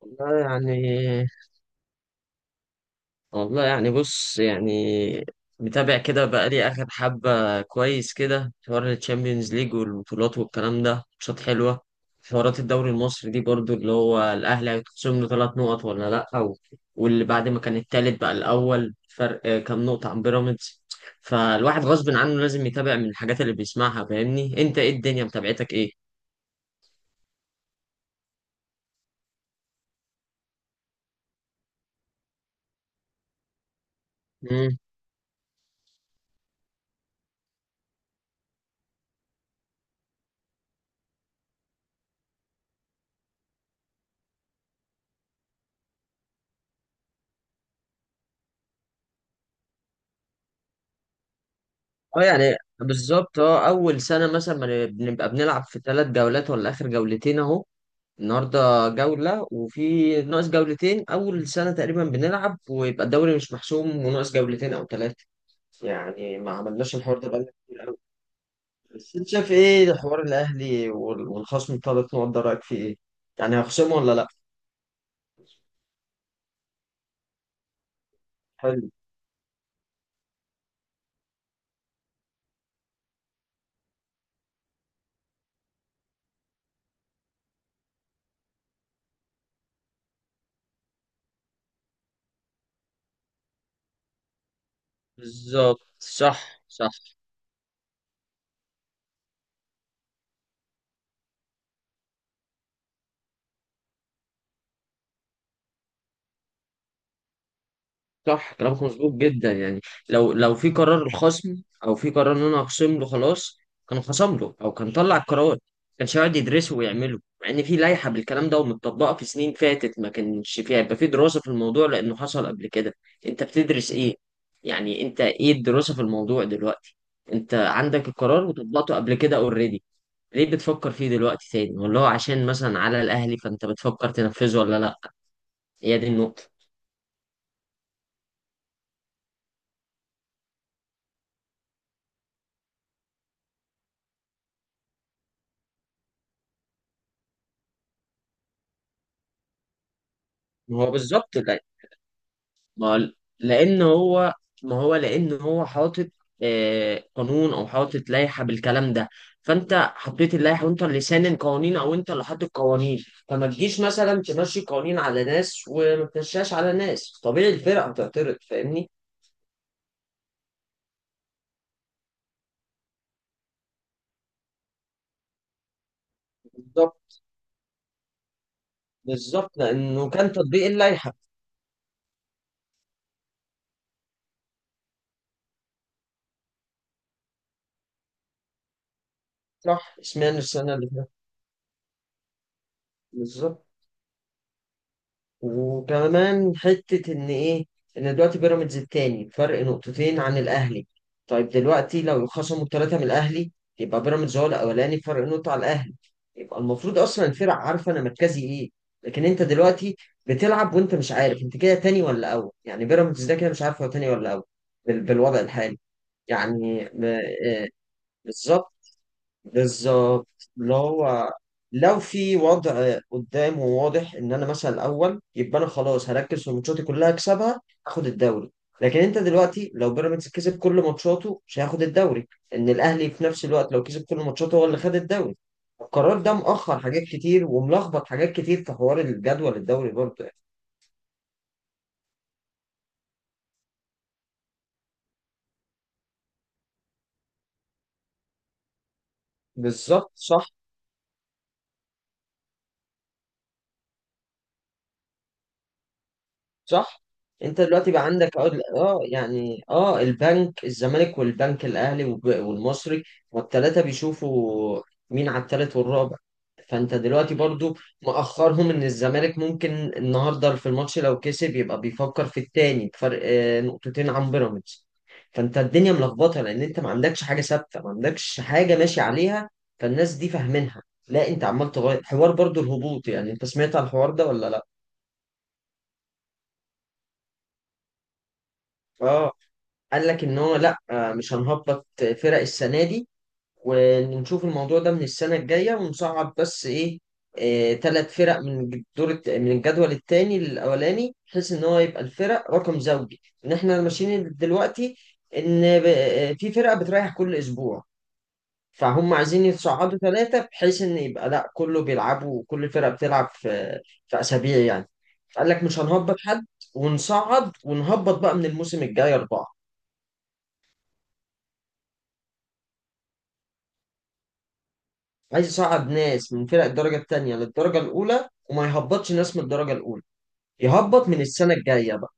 والله يعني بص يعني متابع كده بقالي آخر حبة كويس كده في حوار الشامبيونز ليج والبطولات والكلام ده، ماتشات حلوة. في حوارات الدوري المصري دي برضو، اللي هو الأهلي هيتخصم له 3 نقط ولا لأ؟ أو واللي بعد ما كان التالت بقى الأول، فرق كام نقطة عن بيراميدز. فالواحد غصب عنه لازم يتابع من الحاجات اللي بيسمعها. فاهمني أنت؟ إيه الدنيا متابعتك إيه؟ اه يعني بالظبط. اه اول سنه مثلا ما بنبقى بنلعب في 3 جولات ولا اخر جولتين اهو، النهارده جوله وفي ناقص جولتين. اول سنه تقريبا بنلعب ويبقى الدوري مش محسوم وناقص جولتين او ثلاثه. يعني ما عملناش الحوار ده بقالنا كتير قوي. بس انت شايف ايه حوار الاهلي والخصم الـ3 نقط ده؟ رايك فيه ايه؟ يعني هيخصموا ولا لا؟ حلو. بالظبط صح صح. صح كلامك مظبوط جدا يعني. لو في قرار الخصم او في قرار ان انا اخصم له خلاص. كان خصم له او كان طلع القرار، ما كانش يقعد يدرسه ويعمله، مع ان في لائحه بالكلام ده ومتطبقه في سنين فاتت ما كانش فيها، يبقى في دراسه في الموضوع لانه حصل قبل كده. انت بتدرس ايه؟ يعني انت ايه الدراسه في الموضوع دلوقتي؟ انت عندك القرار وطبقته قبل كده اوريدي. ليه بتفكر فيه دلوقتي تاني؟ والله عشان مثلا على الاهلي؟ فانت بتفكر تنفذه ولا لا؟ هي دي النقطه. ما هو بالظبط. ما لان هو، ما هو لان هو حاطط قانون او حاطط لائحه بالكلام ده. فانت حطيت اللائحه، وانت اللي سانن قوانين او انت اللي حاطط قوانين. فما تجيش مثلا تمشي قوانين على ناس وما تمشيهاش على ناس. طبيعي الفرقه هتعترض، فاهمني؟ بالظبط. بالظبط لانه كان تطبيق اللائحه. صح، سمعنا السنه اللي فاتت. بالظبط. وكمان حتة إن إيه، إن دلوقتي بيراميدز التاني فرق نقطتين عن الأهلي. طيب دلوقتي لو خصموا التلاتة من الأهلي، يبقى بيراميدز هو الأولاني بفرق نقطة على الأهلي. يبقى المفروض أصلا الفرق عارفة أنا مركزي إيه. لكن أنت دلوقتي بتلعب وأنت مش عارف أنت كده تاني ولا أول. يعني بيراميدز ده كده مش عارف هو تاني ولا أول بالوضع الحالي. يعني م- آه، بالظبط بالظبط. اللي هو لو في وضع قدام وواضح ان انا مثلا الاول، يبقى انا خلاص هركز في ماتشاتي كلها اكسبها، اخد الدوري. لكن انت دلوقتي لو بيراميدز كسب كل ماتشاته مش هياخد الدوري، ان الاهلي في نفس الوقت لو كسب كل ماتشاته هو اللي خد الدوري. القرار ده مؤخر حاجات كتير وملخبط حاجات كتير في حوار الجدول الدوري برضه يعني. بالظبط صح صح. انت دلوقتي بقى عندك عقد، اه يعني، اه البنك الزمالك والبنك الاهلي والمصري، والثلاثه بيشوفوا مين على الثالث والرابع. فانت دلوقتي برضو مأخرهم ان الزمالك ممكن النهارده في الماتش لو كسب يبقى بيفكر في الثاني بفرق نقطتين عن بيراميدز. فانت الدنيا ملخبطه، لان انت ما عندكش حاجه ثابته، ما عندكش حاجه ماشي عليها فالناس دي فاهمينها. لا انت عمال تغير. حوار برضو الهبوط، يعني انت سمعت على الحوار ده ولا لا؟ اه، قال لك ان هو لا مش هنهبط فرق السنه دي، ونشوف الموضوع ده من السنه الجايه، ونصعد بس ايه، 3 فرق من الجدول الثاني للاولاني، بحيث ان هو يبقى الفرق رقم زوجي. ان احنا ماشيين دلوقتي ان في فرقه بتريح كل اسبوع. فهم عايزين يتصعدوا ثلاثه بحيث ان يبقى لا كله بيلعبوا، كل فرقه بتلعب في اسابيع يعني. فقال لك مش هنهبط حد، ونصعد ونهبط بقى من الموسم الجاي 4. عايز يصعد ناس من فرق الدرجة التانية للدرجة الأولى، وما يهبطش ناس من الدرجة الأولى. يهبط من السنة الجاية بقى.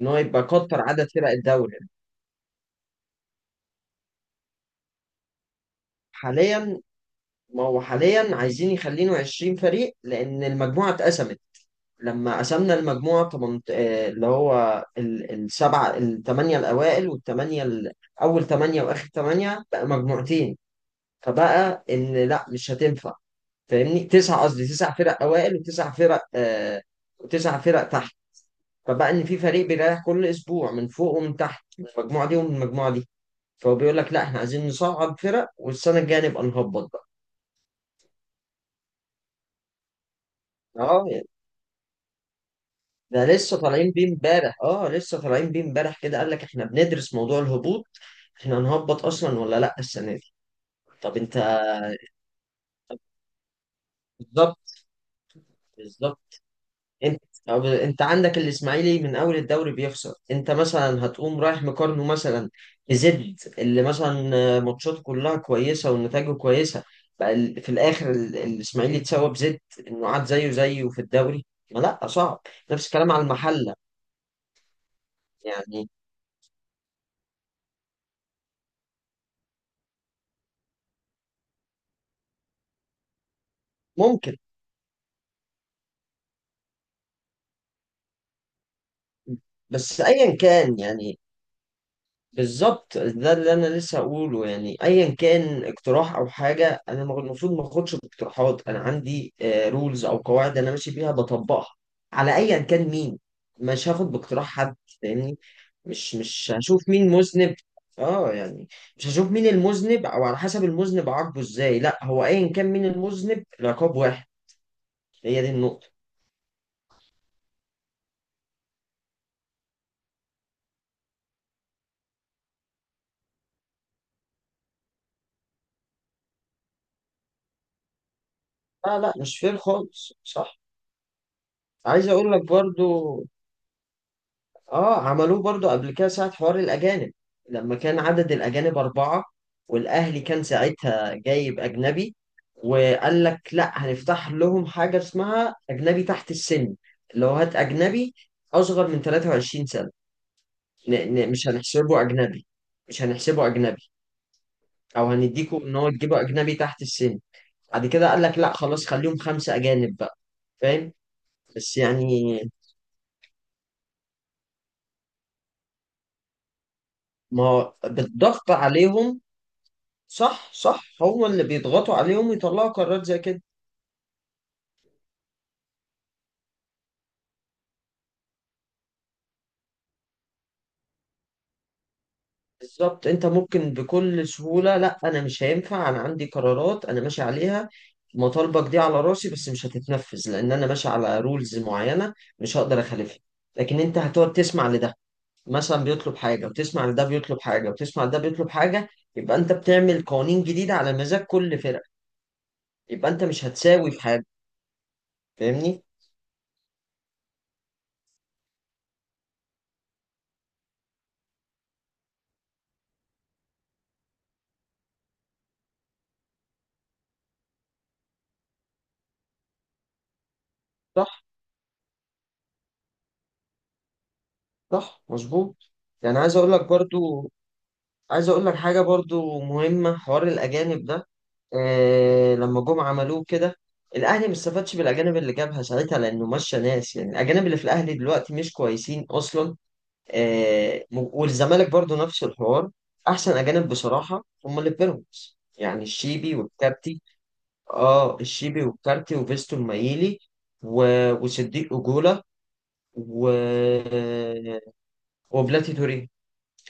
إن هو يبقى كتر عدد فرق الدوري. حاليا ما هو حاليا عايزين يخلينه 20 فريق، لأن المجموعة اتقسمت. لما قسمنا المجموعة 8، اللي هو الـ7 والـ8 الأوائل أول 8 وآخر ثمانية، بقى مجموعتين. فبقى إن لا مش هتنفع، فاهمني؟ تسع، قصدي 9 فرق أوائل وتسع فرق وتسع فرق تحت. فبقى ان في فريق بيريح كل اسبوع من فوق ومن تحت، من المجموعه دي ومن المجموعه دي. فهو بيقول لك لا احنا عايزين نصعد فرق والسنه الجايه نبقى نهبط بقى. اه يعني، ده لسه طالعين بيه امبارح. اه لسه طالعين بيه امبارح كده. قال لك احنا بندرس موضوع الهبوط. احنا هنهبط اصلا ولا لا السنه دي؟ طب انت. بالظبط. بالظبط انت، طب انت عندك الاسماعيلي من اول الدوري بيخسر، انت مثلا هتقوم رايح مقارنه مثلا بزد، اللي مثلا ماتشاته كلها كويسه ونتائجه كويسه، بقى في الاخر الاسماعيلي اتساوى بزد، انه قعد زيه زيه في الدوري. ما لا صعب. نفس الكلام على المحله. يعني ممكن. بس ايا كان يعني، بالظبط ده اللي انا لسه هقوله. يعني ايا كان اقتراح او حاجه، انا المفروض ما اخدش باقتراحات. انا عندي رولز او قواعد انا ماشي بيها بطبقها على ايا كان مين. مش هاخد باقتراح حد، فاهمني؟ مش هشوف مين مذنب. اه يعني مش هشوف مين المذنب او على حسب المذنب عاقبه ازاي. لا، هو ايا كان مين المذنب، العقاب واحد. هي دي النقطه. لا لا، مش فير خالص، صح. عايز اقول لك برضو، اه عملوه برضو قبل كده ساعة حوار الأجانب. لما كان عدد الأجانب 4، والأهلي كان ساعتها جايب أجنبي، وقال لك لا هنفتح لهم حاجة اسمها أجنبي تحت السن. اللي هو هات أجنبي أصغر من 23 سنة. ن ن مش هنحسبه أجنبي، مش هنحسبه أجنبي أو هنديكوا إن هو تجيبه أجنبي تحت السن. بعد كده قال لك لا خلاص، خليهم 5 أجانب بقى، فاهم؟ بس يعني، ما هو بالضغط عليهم. صح صح، هو اللي بيضغطوا عليهم يطلعوا قرارات زي كده. بالظبط. انت ممكن بكل سهولة لا، انا مش هينفع، انا عندي قرارات انا ماشي عليها، مطالبك دي على راسي بس مش هتتنفذ، لان انا ماشي على رولز معينة مش هقدر اخالفها. لكن انت هتقعد تسمع لده مثلا بيطلب حاجة، وتسمع لده بيطلب حاجة، وتسمع لده بيطلب حاجة، يبقى انت بتعمل قوانين جديدة على مزاج كل فرقة. يبقى انت مش هتساوي في حاجة، فاهمني؟ صح صح مظبوط يعني. عايز اقول لك برضو، عايز اقول لك حاجه برضو مهمه، حوار الاجانب ده. آه لما جم عملوه كده، الاهلي ما استفادش بالاجانب اللي جابها ساعتها لانه مشى ناس. يعني الاجانب اللي في الاهلي دلوقتي مش كويسين اصلا. والزمالك برضو نفس الحوار. احسن اجانب بصراحه هم اللي في بيراميدز، يعني الشيبي والكارتي. اه الشيبي والكارتي وفيستو المايلي و... وصديق اجولا و... وبلاتي توريه.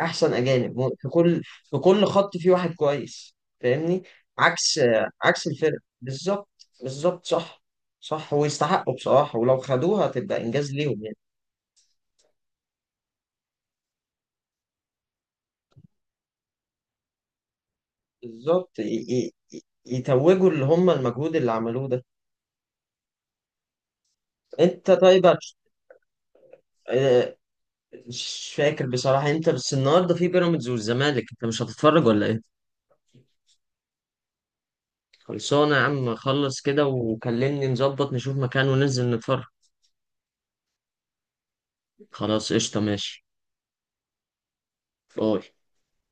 احسن اجانب في كل، في كل خط في واحد كويس، فاهمني؟ عكس، عكس الفرق بالظبط. بالظبط صح. صح ويستحقوا بصراحة، ولو خدوها هتبقى انجاز ليهم يعني. بالظبط يتوجوا اللي هم المجهود اللي عملوه ده. انت طيب آه، مش فاكر بصراحة. انت بس النهارده في بيراميدز والزمالك، انت مش هتتفرج ولا ايه؟ خلصانة يا عم، خلص كده وكلمني، نظبط نشوف مكان وننزل نتفرج. خلاص قشطة ماشي. باي.